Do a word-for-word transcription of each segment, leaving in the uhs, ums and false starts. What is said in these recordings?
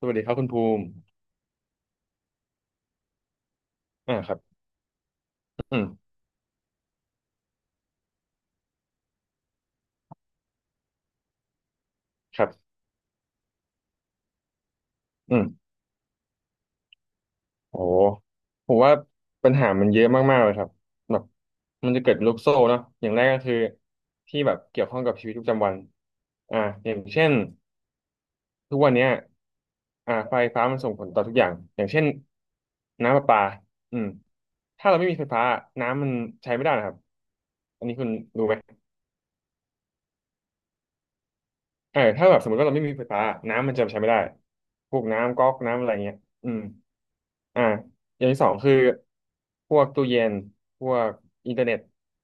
สวัสดีครับคุณภูมิอ่าครับอืมครับอืมโอ้โหผมว่าปัญหามันเยอะมากๆเลยครับแบบมันจะเกิดเป็นลูกโซ่เนาะอย่างแรกก็คือที่แบบเกี่ยวข้องกับชีวิตประจำวันอ่าอย่างเช่นทุกวันเนี้ยอ่าไฟฟ้ามันส่งผลต่อทุกอย่าง อย่างเช่นน้ำประปาอืมถ้าเราไม่มีไฟฟ้าน้ำมันใช้ไม่ได้นะครับ อันนี้คุณรู้ไหม เออถ้าแบบสมมติว่าเราไม่มีไฟฟ้าน้ำมันจะใช้ไม่ได้พวกน้ำก๊อกน้ำอะไรเงี้ยอืมอ่าอย่างที่สองคือพวกตู้เย็นพวกอินเทอร์เน็ต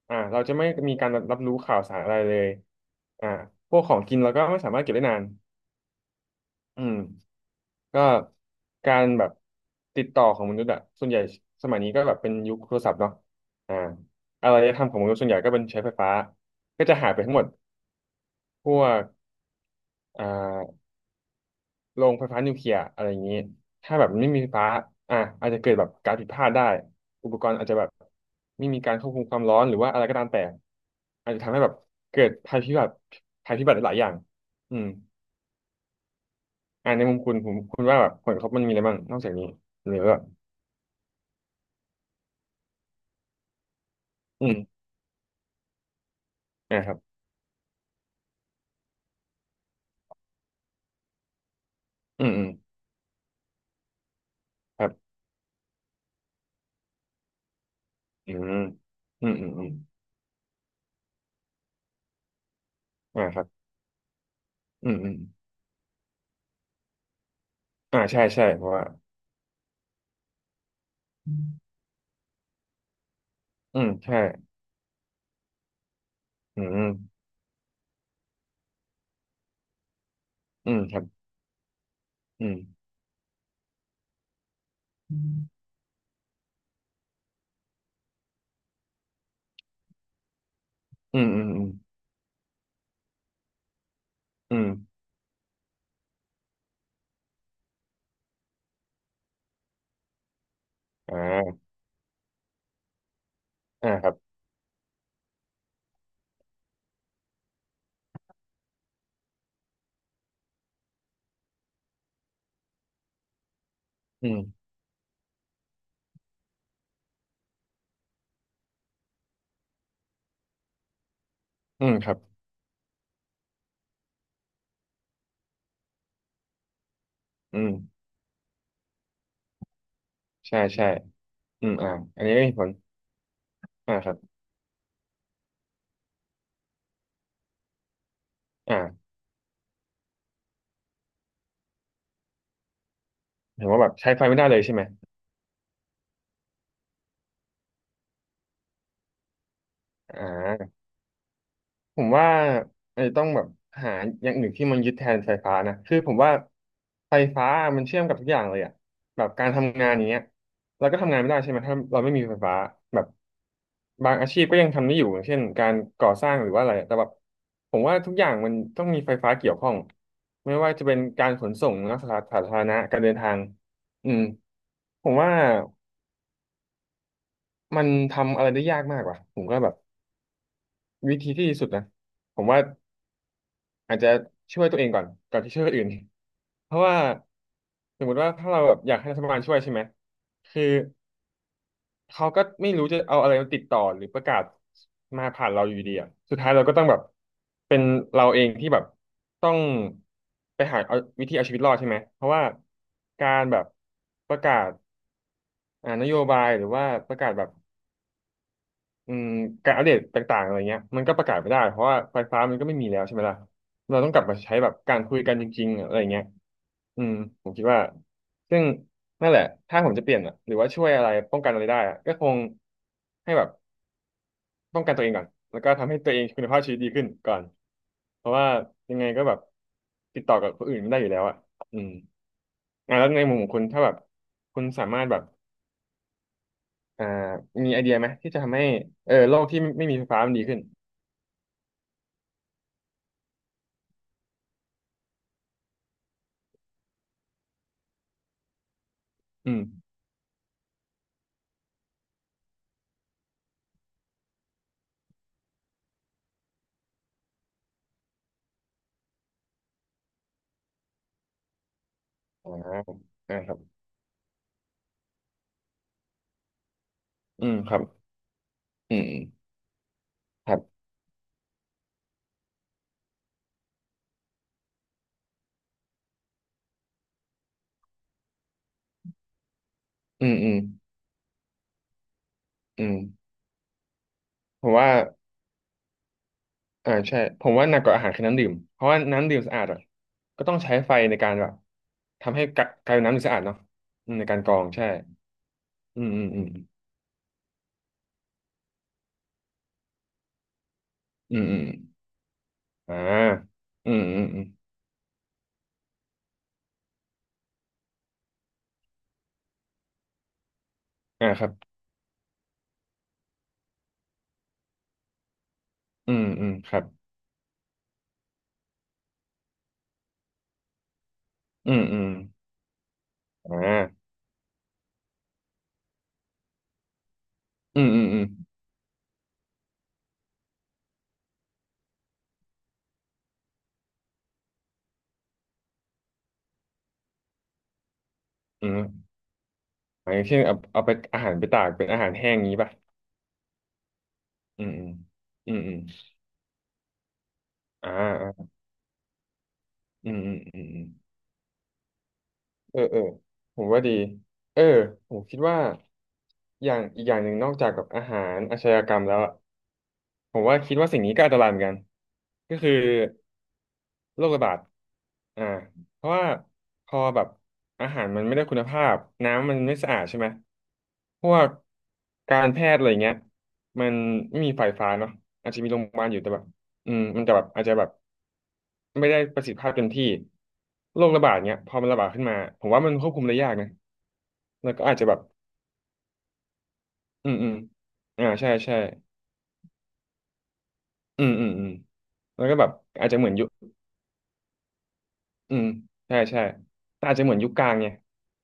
อ่าเราจะไม่มีการรับรู้ข่าวสารอะไรเลยอ่าพวกของกินเราก็ไม่สามารถเก็บได้นานอืมก็การแบบติดต่อของมนุษย์อะส่วนใหญ่สมัยนี้ก็แบบเป็นยุคโทรศัพท์เนาะอ่าอารยธรรมของมนุษย์ส่วนใหญ่ก็เป็นใช้ไฟฟ้าก็จะหายไปทั้งหมดพวกอ่า โรงไฟฟ้านิวเคลียร์อะไรอย่างนี้ถ้าแบบไม่มีไฟฟ้าอ่ะอาจจะเกิดแบบการผิดพลาดได้อุปกรณ์อาจจะแบบไม่มีการควบคุมความร้อนหรือว่าอะไรก็ตามแต่อาจจะทำให้แบบเกิดภัยพิบัติภัยพิบัติหลายๆอย่างอืมอ่าในมุมคุณผมคุณว่าแบบผลกระทบมันมีอะไรบ้างนอกจากนี้หรือว่าอืมอ่าครับอืมอืมครับอืมอืมอืมอืมอ่าครับอืมอืมอ่าใช่ใช่เพราะว่าอืมใช่อืมอืมครับอืมอืมอืมอืมอืมอ่า อ่าครับอืมอืมครับอืมใช่ใช่อืมอ่าอันนี้ก็มีผลอ่าครับอ่าเห็นว่าแบบใช้ไฟไม่ได้เลยใช่ไหมอ่า ผมว่าไอ้ต้องแบบหาอย่างอื่นที่มันยึดแทนไฟฟ้านะคือผมว่าไฟฟ้ามันเชื่อมกับทุกอย่างเลยอะแบบการทำงานอย่างเงี้ยเราก็ทำงานไม่ได้ใช่ไหมถ้าเราไม่มีไฟฟ้าแบบบางอาชีพก็ยังทำได้อยู่อย่างเช่นการก่อสร้างหรือว่าอะไรแต่แบบผมว่าทุกอย่างมันต้องมีไฟฟ้าเกี่ยวข้องไม่ว่าจะเป็นการขนส่งนะสาธารณะการเดินทางอืมผมว่ามันทำอะไรได้ยากมากว่ะผมก็แบบวิธีที่ดีสุดนะผมว่า อาจจะช่วยตัวเองก่อนก่อนที่ช่วยคนอื่น เพราะว่าสมมติว่าถ้าเราแบบอยากให้รัฐบาลช่วยใช่ไหมคือเขาก็ไม่รู้จะเอาอะไรมาติดต่อหรือประกาศมาผ่านเราอยู่ดีอ่ะสุดท้ายเราก็ต้องแบบเป็นเราเองที่แบบต้องไปหาเอาวิธีเอาชีวิตรอดใช่ไหมเพราะว่าการแบบประกาศอ่านโยบายหรือว่าประกาศแบบ อืมการอัปเดตต่างๆอะไรเงี้ยมันก็ประกาศไม่ได้เพราะว่าไฟฟ้ามันก็ไม่มีแล้วใช่ไหมล่ะเราต้องกลับมาใช้แบบการคุยกันจริงๆอะไรเงี้ยอืมผมคิดว่าซึ่งนั่นแหละถ้าผมจะเปลี่ยนอะหรือว่าช่วยอะไรป้องกันอะไรได้อะก็คงให้แบบป้องกันตัวเองก่อนแล้วก็ทำให้ตัวเองคุณภาพชีวิตดีขึ้นก่อนเพราะว่ายังไงก็แบบติดต่อกับคนอื่นไม่ได้อยู่แล้วอะอืมอ่ะแล้วในมุมของคุณถ้าแบบคุณสามารถแบบอ่ามีไอเดียไหมที่จะทำให้เออโลกที่ไม่ไมมีไฟฟ้ามันดีขึ้นอืม อ่าอ่าครับอืมครับอืมอืม ครับอืมอืมอืมผมว่าอ่าใช่ ผมว่าหนักกว่าอาหารคือน้ำดื่มเพราะว่าน้ำดื่มสะอาดอะก็ต้องใช้ไฟในการแบบทำให้กะกลายเป็นน้ำดื่มสะอาดเนาะอืมในการกรอง ใช่อืมอืมอืมอืมอืมอ่าอืมอืมอืมอ่าครับอืมอืมครับอืมอืมอ่าอืมอืมอืมอืมอะอย่างเช่นเอาเอาไปอาหารไปตากเป็นอาหารแห้งงี้ป่ะ อืมอืมอืมอืมอ่าอ่าอืมอืมอืม เออเออผมว่าดีเออผมคิดว่าอย่างอีกอย่างหนึ่งนอกจากกับอาหารอาชญากรรมแล้วอะผมว่าคิดว่าสิ่งนี้ก็อันตรายเหมือนกันก็คือโรคระบาดอ่าเพราะว่าพอแบบอาหารมันไม่ได้คุณภาพน้ำมันไม่สะอาดใช่ไหมพวกการแพทย์อะไรเงี้ยมันไม่มีไฟฟ้าเนาะอาจจะมีโรงพยาบาลอยู่แต่แบบอืมมันจะแบบอาจจะแบบไม่ได้ประสิทธิภาพเต็มที่โรคระบาดเนี้ยพอมันระบาดขึ้นมาผมว่ามันควบคุมได้ยากนะ แล้วก็อาจจะแบบอืมอืมอ่าใช่ใช่อืมอืมอืมแล้วก็แบบอาจจะเหมือนยุคอืมใช่ใช่แต่อาจจะเหมือนยุคกลางไง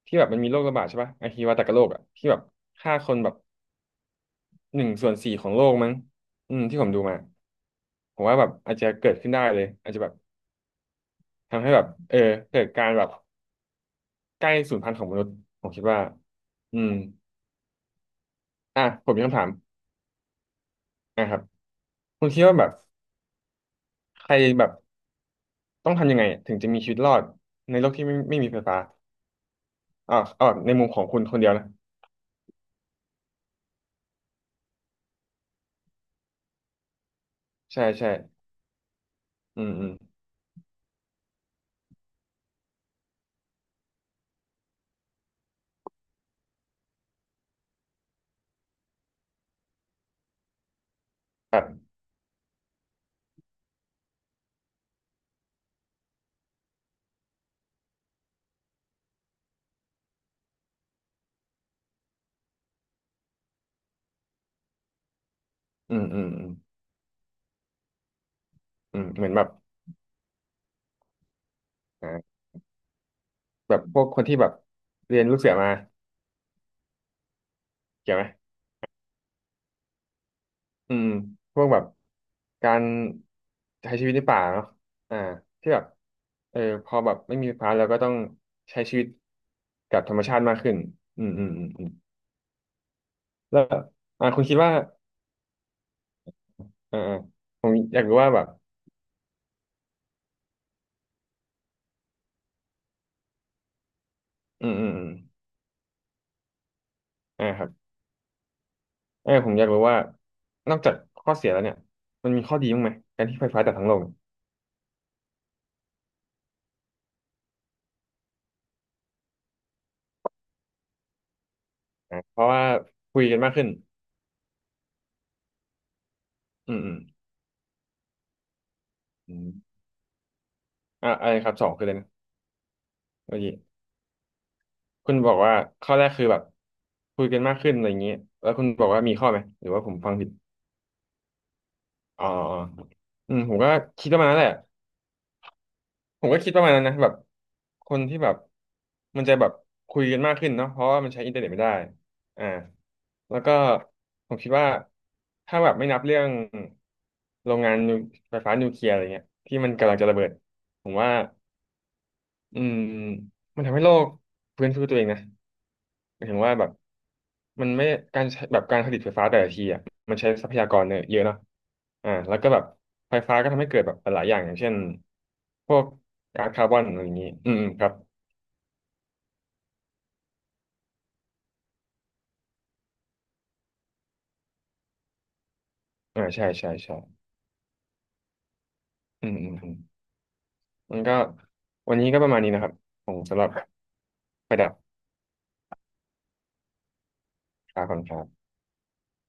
ที่แบบมันมีโรคระบาดใช่ป่ะไอฮิวาตากโรคอะที่แบบฆ่าคนแบบหนึ่งส่วนสี่ของโลกมั้งอืมที่ผมดูมาผมว่าแบบอาจจะเกิดขึ้นได้เลยอาจจะแบบทำให้แบบเออเกิดการแบบใกล้สูญพันธุ์ของมนุษย์ผมคิดว่าอืมอ่ะผมมีคำถามนะครับคุณคิดว่าแบบใครแบบต้องทำยังไงถึงจะมีชีวิตรอดในโลกที่ไม่ไม่มีไฟฟ้า อ่าเอาแบบในมุมของคุณคนเดียวนะใช่ใช่อืมอืมแบบอืมอืมอืมอืมเหมือนแบบอ่าแบบพวกคนที่แบบเรียนลูกเสือมาเกี่ยวไหมอืมพวกแบบการใช้ชีวิตในป่าเนาะอ่าที่แบบเออพอแบบไม่มีไฟฟ้าเราก็ต้องใช้ชีวิตกับธรรมชาติมากขึ้นอืมอืมอืมอืมแล้วอ่าคุณคิดว่าอ่าอ่าผมอยากรู้ว่าแบบอืมอืมอืมอ่าครับ เออผมอยากรู้ว่านอกจากข้อเสียแล้วเนี่ยมันมีข้อดีบ้างไหมการที่ไฟฟ้าจากทั้งโลกเนี่ยอ่ะเพราะว่าคุยกันมากขึ้นอืมอืมอืมอ่ะอะไรครับสองคืออะไรนะเมื่อกี้คุณบอกว่าข้อแรกคือแบบคุยกันมากขึ้นอะไรอย่างเงี้ยแล้วคุณบอกว่ามีข้อไหมหรือว่าผมฟังผิดอ๋ออ๋ออืมผมก็คิดประมาณนั้นแหละ ผมก็คิดประมาณนั้นนะแบบคนที่แบบมันจะแบบคุยกันมากขึ้นเนาะเพราะว่ามันใช้อินเทอร์เน็ตไม่ได้อ่าแล้วก็ผมคิดว่าถ้าแบบไม่นับเรื่องโรงงานนิวไฟฟ้านิวเคลียร์อะไรเงี้ยที่มันกำลังจะระเบิดผมว่าอืมมันทำให้โลกฟื้นฟูตัวเองนะ หมายถึงว่าแบบมันไม่การใช้แบบการผลิตไฟฟ้าแต่ละทีอ่ะมันใช้ทรัพยากรเนี่ยเยอะเนาะอ่าแล้วก็แบบไฟฟ้าก็ทำให้เกิดแบบหลายอย่างอย่างเช่นพวกก๊าซคาร์บอนอะไรอย่างนี้อืมอืมครับอ่าใช่ใช่ใช่อืมอืมอืมมันก็วันนี้ก็ประมาณนี้นะครับผมสำหรับประดับคาคอนครับ